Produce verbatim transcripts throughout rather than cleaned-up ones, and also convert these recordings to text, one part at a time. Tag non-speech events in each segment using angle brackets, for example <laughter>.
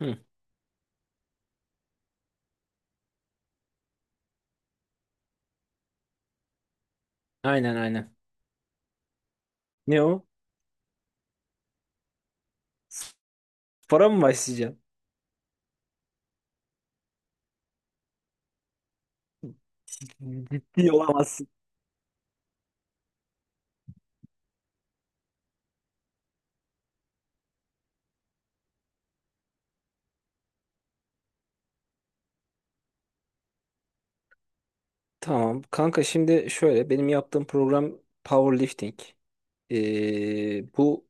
Hı. Aynen aynen. Ne o? Para mı başlayacağım? Ciddi olamazsın. Tamam. Kanka şimdi şöyle benim yaptığım program powerlifting. Ee, bu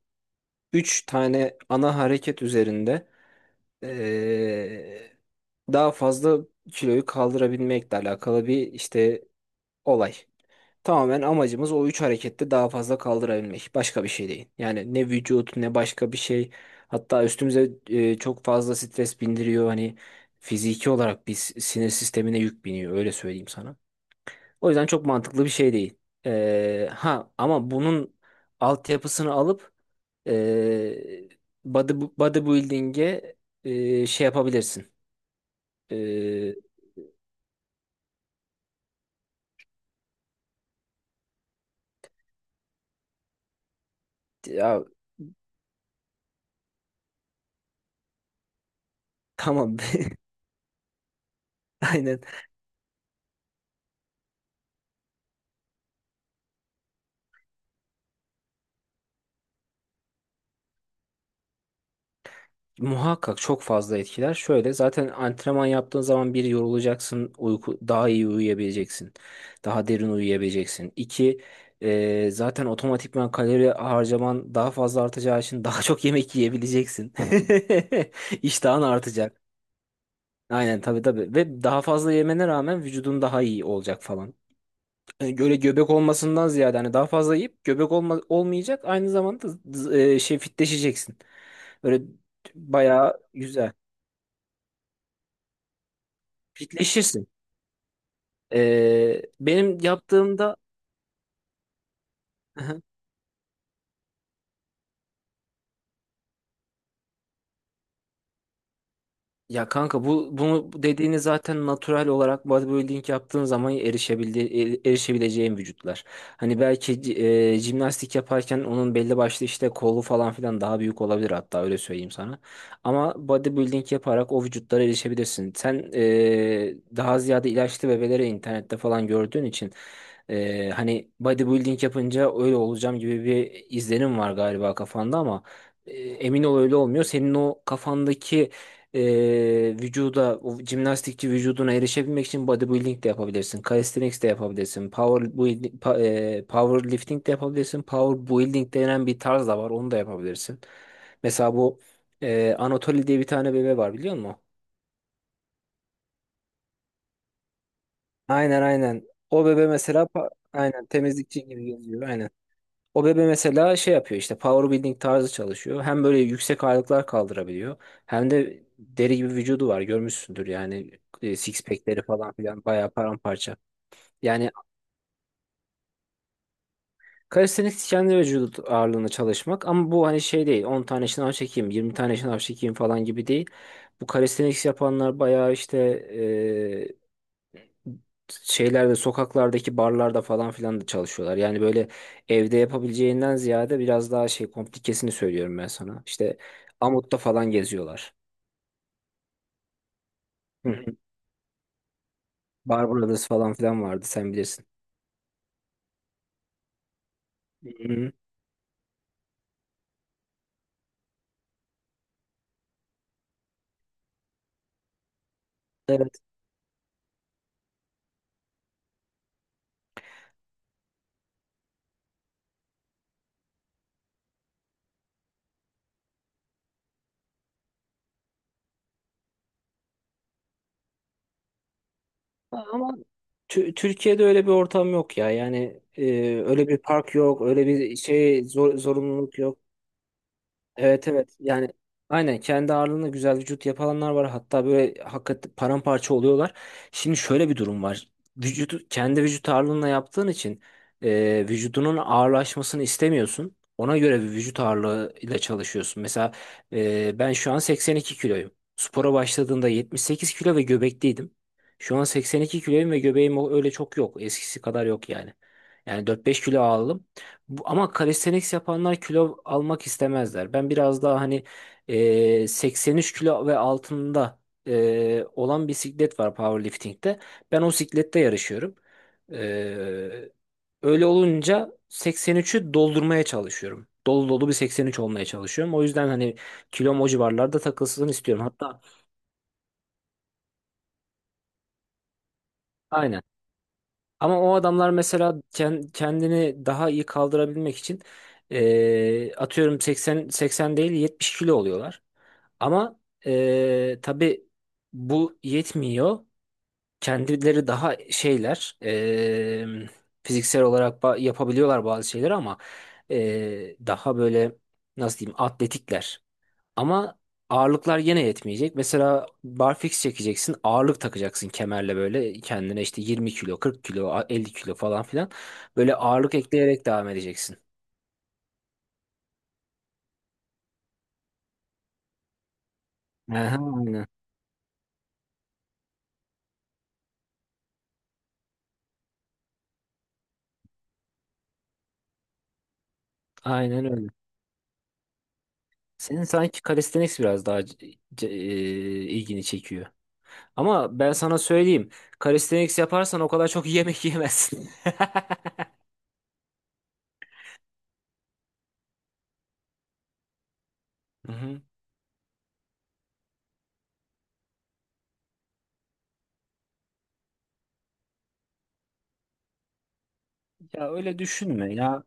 üç tane ana hareket üzerinde ee, daha fazla kiloyu kaldırabilmekle alakalı bir işte olay. Tamamen amacımız o üç harekette daha fazla kaldırabilmek. Başka bir şey değil. Yani ne vücut ne başka bir şey. Hatta üstümüze e, çok fazla stres bindiriyor. Hani fiziki olarak biz sinir sistemine yük biniyor. Öyle söyleyeyim sana. O yüzden çok mantıklı bir şey değil. Ee, ha ama bunun altyapısını alıp e, body, bodybuilding'e e, şey yapabilirsin. Ee, ya, tamam. <laughs> Aynen. Muhakkak çok fazla etkiler. Şöyle zaten antrenman yaptığın zaman bir yorulacaksın, uyku daha iyi uyuyabileceksin. Daha derin uyuyabileceksin. İki, e, zaten otomatikman kalori harcaman daha fazla artacağı için daha çok yemek yiyebileceksin. <laughs> İştahın artacak. Aynen tabii tabii. Ve daha fazla yemene rağmen vücudun daha iyi olacak falan. Yani Böyle göbek olmasından ziyade hani daha fazla yiyip göbek olma, olmayacak. Aynı zamanda z- z- e, şey fitleşeceksin. Böyle bayağı güzel. Fitleşirsin. Ee, benim yaptığımda. <laughs> Ya kanka bu bunu dediğini zaten natural olarak bodybuilding yaptığın zaman erişebildi, e- erişebileceğin vücutlar. Hani belki c- e, jimnastik yaparken onun belli başlı işte kolu falan filan daha büyük olabilir hatta öyle söyleyeyim sana. Ama bodybuilding yaparak o vücutlara erişebilirsin. Sen e, daha ziyade ilaçlı bebeleri internette falan gördüğün için e, hani bodybuilding yapınca öyle olacağım gibi bir izlenim var galiba kafanda ama e, emin ol öyle olmuyor. Senin o kafandaki e, vücuda o jimnastikçi vücuduna erişebilmek için bodybuilding de yapabilirsin. Calisthenics de yapabilirsin. Power building, pa, e, powerlifting de yapabilirsin. Power building denen bir tarz da var. Onu da yapabilirsin. Mesela bu e, Anatoly diye bir tane bebe var biliyor musun? Aynen aynen. O bebe mesela pa- aynen temizlikçi gibi geziyor. Aynen. O bebe mesela şey yapıyor işte power building tarzı çalışıyor. Hem böyle yüksek ağırlıklar kaldırabiliyor. Hem de deri gibi vücudu var görmüşsündür yani e, six pack'leri falan filan bayağı paramparça. Yani kalistenik kendi vücut ağırlığına çalışmak ama bu hani şey değil on tane şınav çekeyim yirmi tane şınav çekeyim falan gibi değil. Bu kalistenik yapanlar bayağı işte şeylerde sokaklardaki barlarda falan filan da çalışıyorlar. Yani böyle evde yapabileceğinden ziyade biraz daha şey komplikesini söylüyorum ben sana. İşte Amut'ta falan geziyorlar. Hı hı. Barbaros falan filan vardı sen bilirsin. Hı hı. Evet. Ama Tü- Türkiye'de öyle bir ortam yok ya. Yani e, öyle bir park yok, öyle bir şey zor- zorunluluk yok. Evet evet yani aynen kendi ağırlığında güzel vücut yapanlar var hatta böyle hakikaten paramparça oluyorlar. Şimdi şöyle bir durum var. Vücudu kendi vücut ağırlığına yaptığın için e, vücudunun ağırlaşmasını istemiyorsun. Ona göre bir vücut ağırlığı ile çalışıyorsun. Mesela e, ben şu an seksen iki kiloyum. Spora başladığımda yetmiş sekiz kilo ve göbekliydim. Şu an seksen iki kiloyum ve göbeğim o- öyle çok yok, eskisi kadar yok yani. Yani dört beş kilo aldım. Bu, ama calisthenics yapanlar kilo almak istemezler. Ben biraz daha hani e, seksen üç kilo ve altında e, olan bisiklet var powerlifting'de. Ben o siklette yarışıyorum. E, Öyle olunca seksen üçü doldurmaya çalışıyorum. Dolu dolu bir seksen üç olmaya çalışıyorum. O yüzden hani kilom o civarlarda takılsın istiyorum. Hatta aynen. Ama o adamlar mesela ken- kendini daha iyi kaldırabilmek için eee, atıyorum seksen, seksen değil yetmiş kilo oluyorlar. Ama eee tabii bu yetmiyor. Kendileri daha şeyler eee, fiziksel olarak ba- yapabiliyorlar bazı şeyleri ama eee, daha böyle nasıl diyeyim atletikler. Ama ağırlıklar yine yetmeyecek. Mesela barfix çekeceksin. Ağırlık takacaksın kemerle böyle kendine işte yirmi kilo, kırk kilo, elli kilo falan filan. Böyle ağırlık ekleyerek devam edeceksin. Aha, aynen. Aynen öyle. Senin sanki calisthenics biraz daha c- c- e, ilgini çekiyor. Ama ben sana söyleyeyim. Calisthenics yaparsan o kadar çok yemek yemezsin. <laughs> Hı hı. Ya öyle düşünme ya.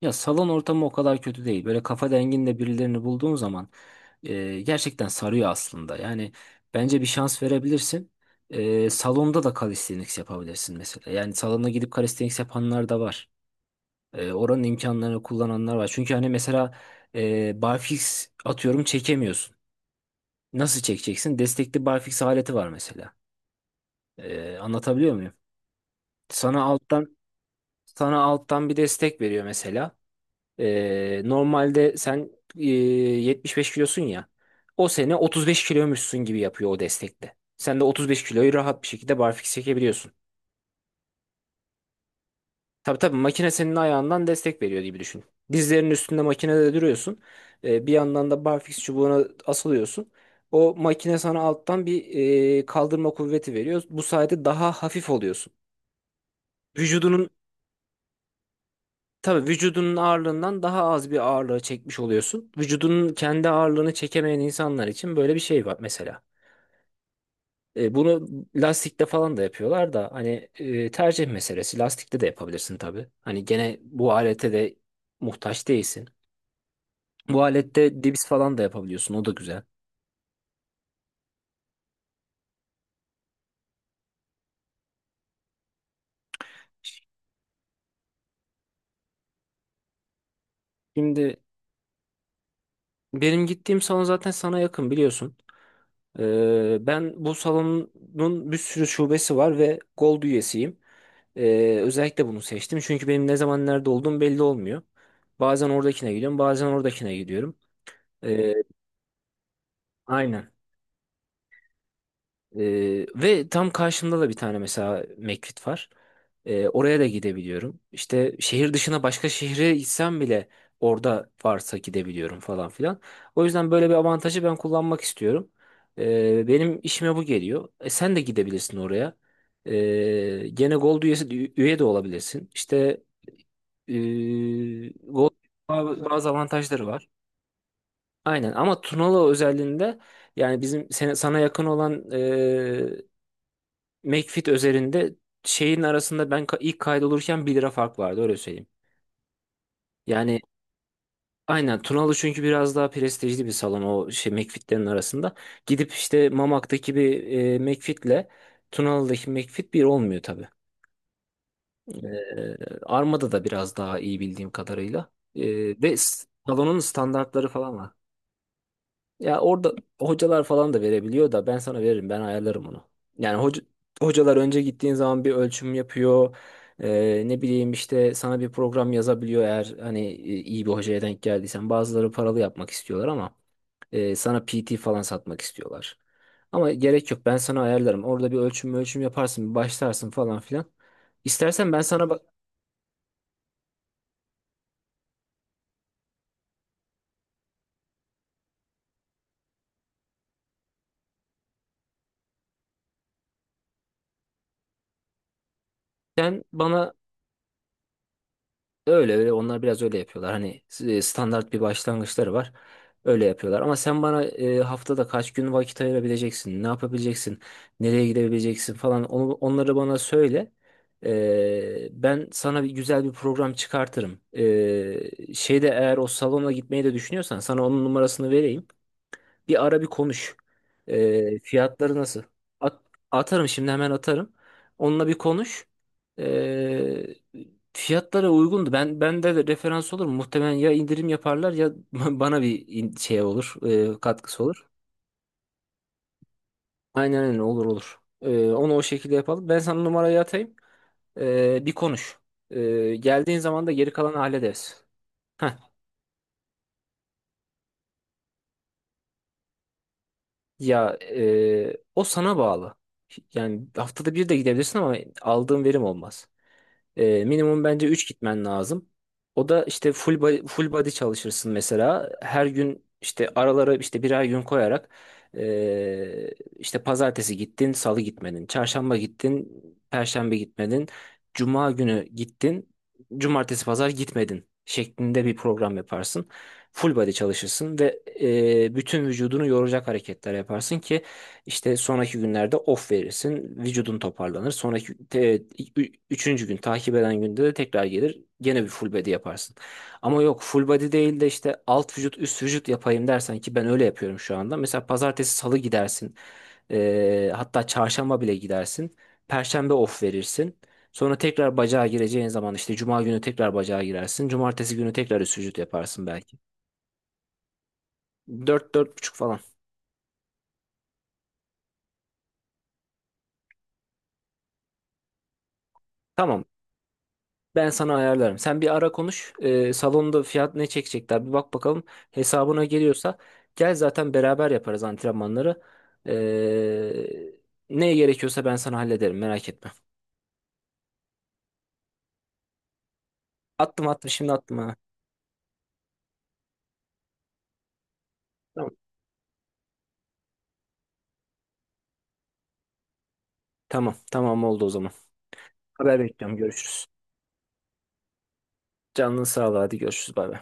Ya salon ortamı o kadar kötü değil. Böyle kafa denginde birilerini bulduğun zaman e, gerçekten sarıyor aslında. Yani bence bir şans verebilirsin. E, salonda da calisthenics yapabilirsin mesela. Yani salona gidip calisthenics yapanlar da var. E, oranın imkanlarını kullananlar var. Çünkü hani mesela e, barfix atıyorum çekemiyorsun. Nasıl çekeceksin? Destekli barfix aleti var mesela. E, anlatabiliyor muyum? Sana alttan sana alttan bir destek veriyor mesela. Ee, normalde sen e, yetmiş beş kilosun ya. O sene otuz beş kiloymuşsun gibi yapıyor o destekte. Sen de otuz beş kiloyu rahat bir şekilde barfiks çekebiliyorsun. Tabii tabii makine senin ayağından destek veriyor gibi düşün. Dizlerinin üstünde makinede duruyorsun. Ee, bir yandan da barfiks çubuğuna asılıyorsun. O makine sana alttan bir e, kaldırma kuvveti veriyor. Bu sayede daha hafif oluyorsun. Vücudunun Tabii vücudunun ağırlığından daha az bir ağırlığı çekmiş oluyorsun. Vücudunun kendi ağırlığını çekemeyen insanlar için böyle bir şey var mesela. E, bunu lastikte falan da yapıyorlar da hani e, tercih meselesi. Lastikte de yapabilirsin tabii. Hani gene bu alete de muhtaç değilsin. Bu alette dips falan da yapabiliyorsun. O da güzel. Şimdi benim gittiğim salon zaten sana yakın biliyorsun. Ee, ben bu salonun bir sürü şubesi var ve Gold üyesiyim. Ee, özellikle bunu seçtim çünkü benim ne zaman nerede olduğum belli olmuyor. Bazen oradakine gidiyorum, bazen oradakine gidiyorum. Ee, aynen. Ee, ve tam karşımda da bir tane mesela McFit var. Ee, oraya da gidebiliyorum. İşte şehir dışına başka şehre gitsem bile orada varsa gidebiliyorum falan filan. O yüzden böyle bir avantajı ben kullanmak istiyorum. Ee, benim işime bu geliyor. E, sen de gidebilirsin oraya. Ee, gene Gold üyesi, üye de olabilirsin. İşte e, Gold bazı bazı avantajları var. Aynen ama Tunalı özelliğinde yani bizim sen- sana yakın olan McFit özelinde şeyin arasında ben ka- ilk kaydolurken bir lira fark vardı öyle söyleyeyim. Yani aynen Tunalı çünkü biraz daha prestijli bir salon o şey McFit'lerin arasında. Gidip işte Mamak'taki bir e, McFit'le Tunalı'daki McFit bir olmuyor tabii. Ee, Armada da biraz daha iyi bildiğim kadarıyla. Ee, ve s- salonun standartları falan var. Ya orada hocalar falan da verebiliyor da ben sana veririm ben ayarlarım onu. Yani hoca, hocalar önce gittiğin zaman bir ölçüm yapıyor. Ee, ne bileyim işte sana bir program yazabiliyor eğer hani e, iyi bir hocaya denk geldiysen. Bazıları paralı yapmak istiyorlar ama e, sana P T falan satmak istiyorlar. Ama gerek yok ben sana ayarlarım. Orada bir ölçüm ölçüm yaparsın bir başlarsın falan filan. İstersen ben sana bak sen bana Öyle öyle onlar biraz öyle yapıyorlar. Hani e, standart bir başlangıçları var. Öyle yapıyorlar. Ama sen bana e, haftada kaç gün vakit ayırabileceksin, ne yapabileceksin, nereye gidebileceksin falan onu, onları bana söyle. E, ben sana bir güzel bir program çıkartırım. E, şeyde eğer o salona gitmeyi de düşünüyorsan sana onun numarasını vereyim. Bir ara bir konuş. Ee, fiyatları nasıl? At- Atarım şimdi hemen atarım. Onunla bir konuş. Ee, Fiyatlara uygundu. Ben bende de referans olur mu? Muhtemelen ya indirim yaparlar ya <laughs> bana bir in- şey olur, e, katkısı olur. Aynen öyle olur olur. Ee, onu o şekilde yapalım. Ben sana numarayı atayım. Ee, bir konuş. Ee, geldiğin zaman da geri kalanı hallederiz. Heh. Ya e, o sana bağlı. Yani haftada bir de gidebilirsin ama aldığın verim olmaz. Ee, minimum bence üç gitmen lazım. O da işte full body, full body çalışırsın mesela. Her gün işte aralara işte birer gün koyarak ee, işte pazartesi gittin, salı gitmedin, çarşamba gittin, perşembe gitmedin, cuma günü gittin, cumartesi pazar gitmedin şeklinde bir program yaparsın. Full body çalışırsın ve ee, bütün vücudunu yoracak hareketler yaparsın ki işte sonraki günlerde off verirsin. Vücudun toparlanır. Sonraki te- ü- üçüncü gün takip eden günde de tekrar gelir. Gene bir full body yaparsın. Ama yok full body değil de işte alt vücut üst vücut yapayım dersen ki ben öyle yapıyorum şu anda. Mesela pazartesi salı gidersin. Ee, hatta çarşamba bile gidersin. Perşembe off verirsin. Sonra tekrar bacağa gireceğin zaman işte cuma günü tekrar bacağa girersin. Cumartesi günü tekrar üst vücut yaparsın belki. Dört dört buçuk falan. Tamam. Ben sana ayarlarım. Sen bir ara konuş. Ee, salonda fiyat ne çekecekler bir bak bakalım. Hesabına geliyorsa gel zaten beraber yaparız antrenmanları. Ee, Ne gerekiyorsa ben sana hallederim merak etme. Attım attım şimdi attım ha. Tamam. Tamam tamam oldu o zaman. Haber bekliyorum görüşürüz. Canın sağ ol hadi görüşürüz bay bay.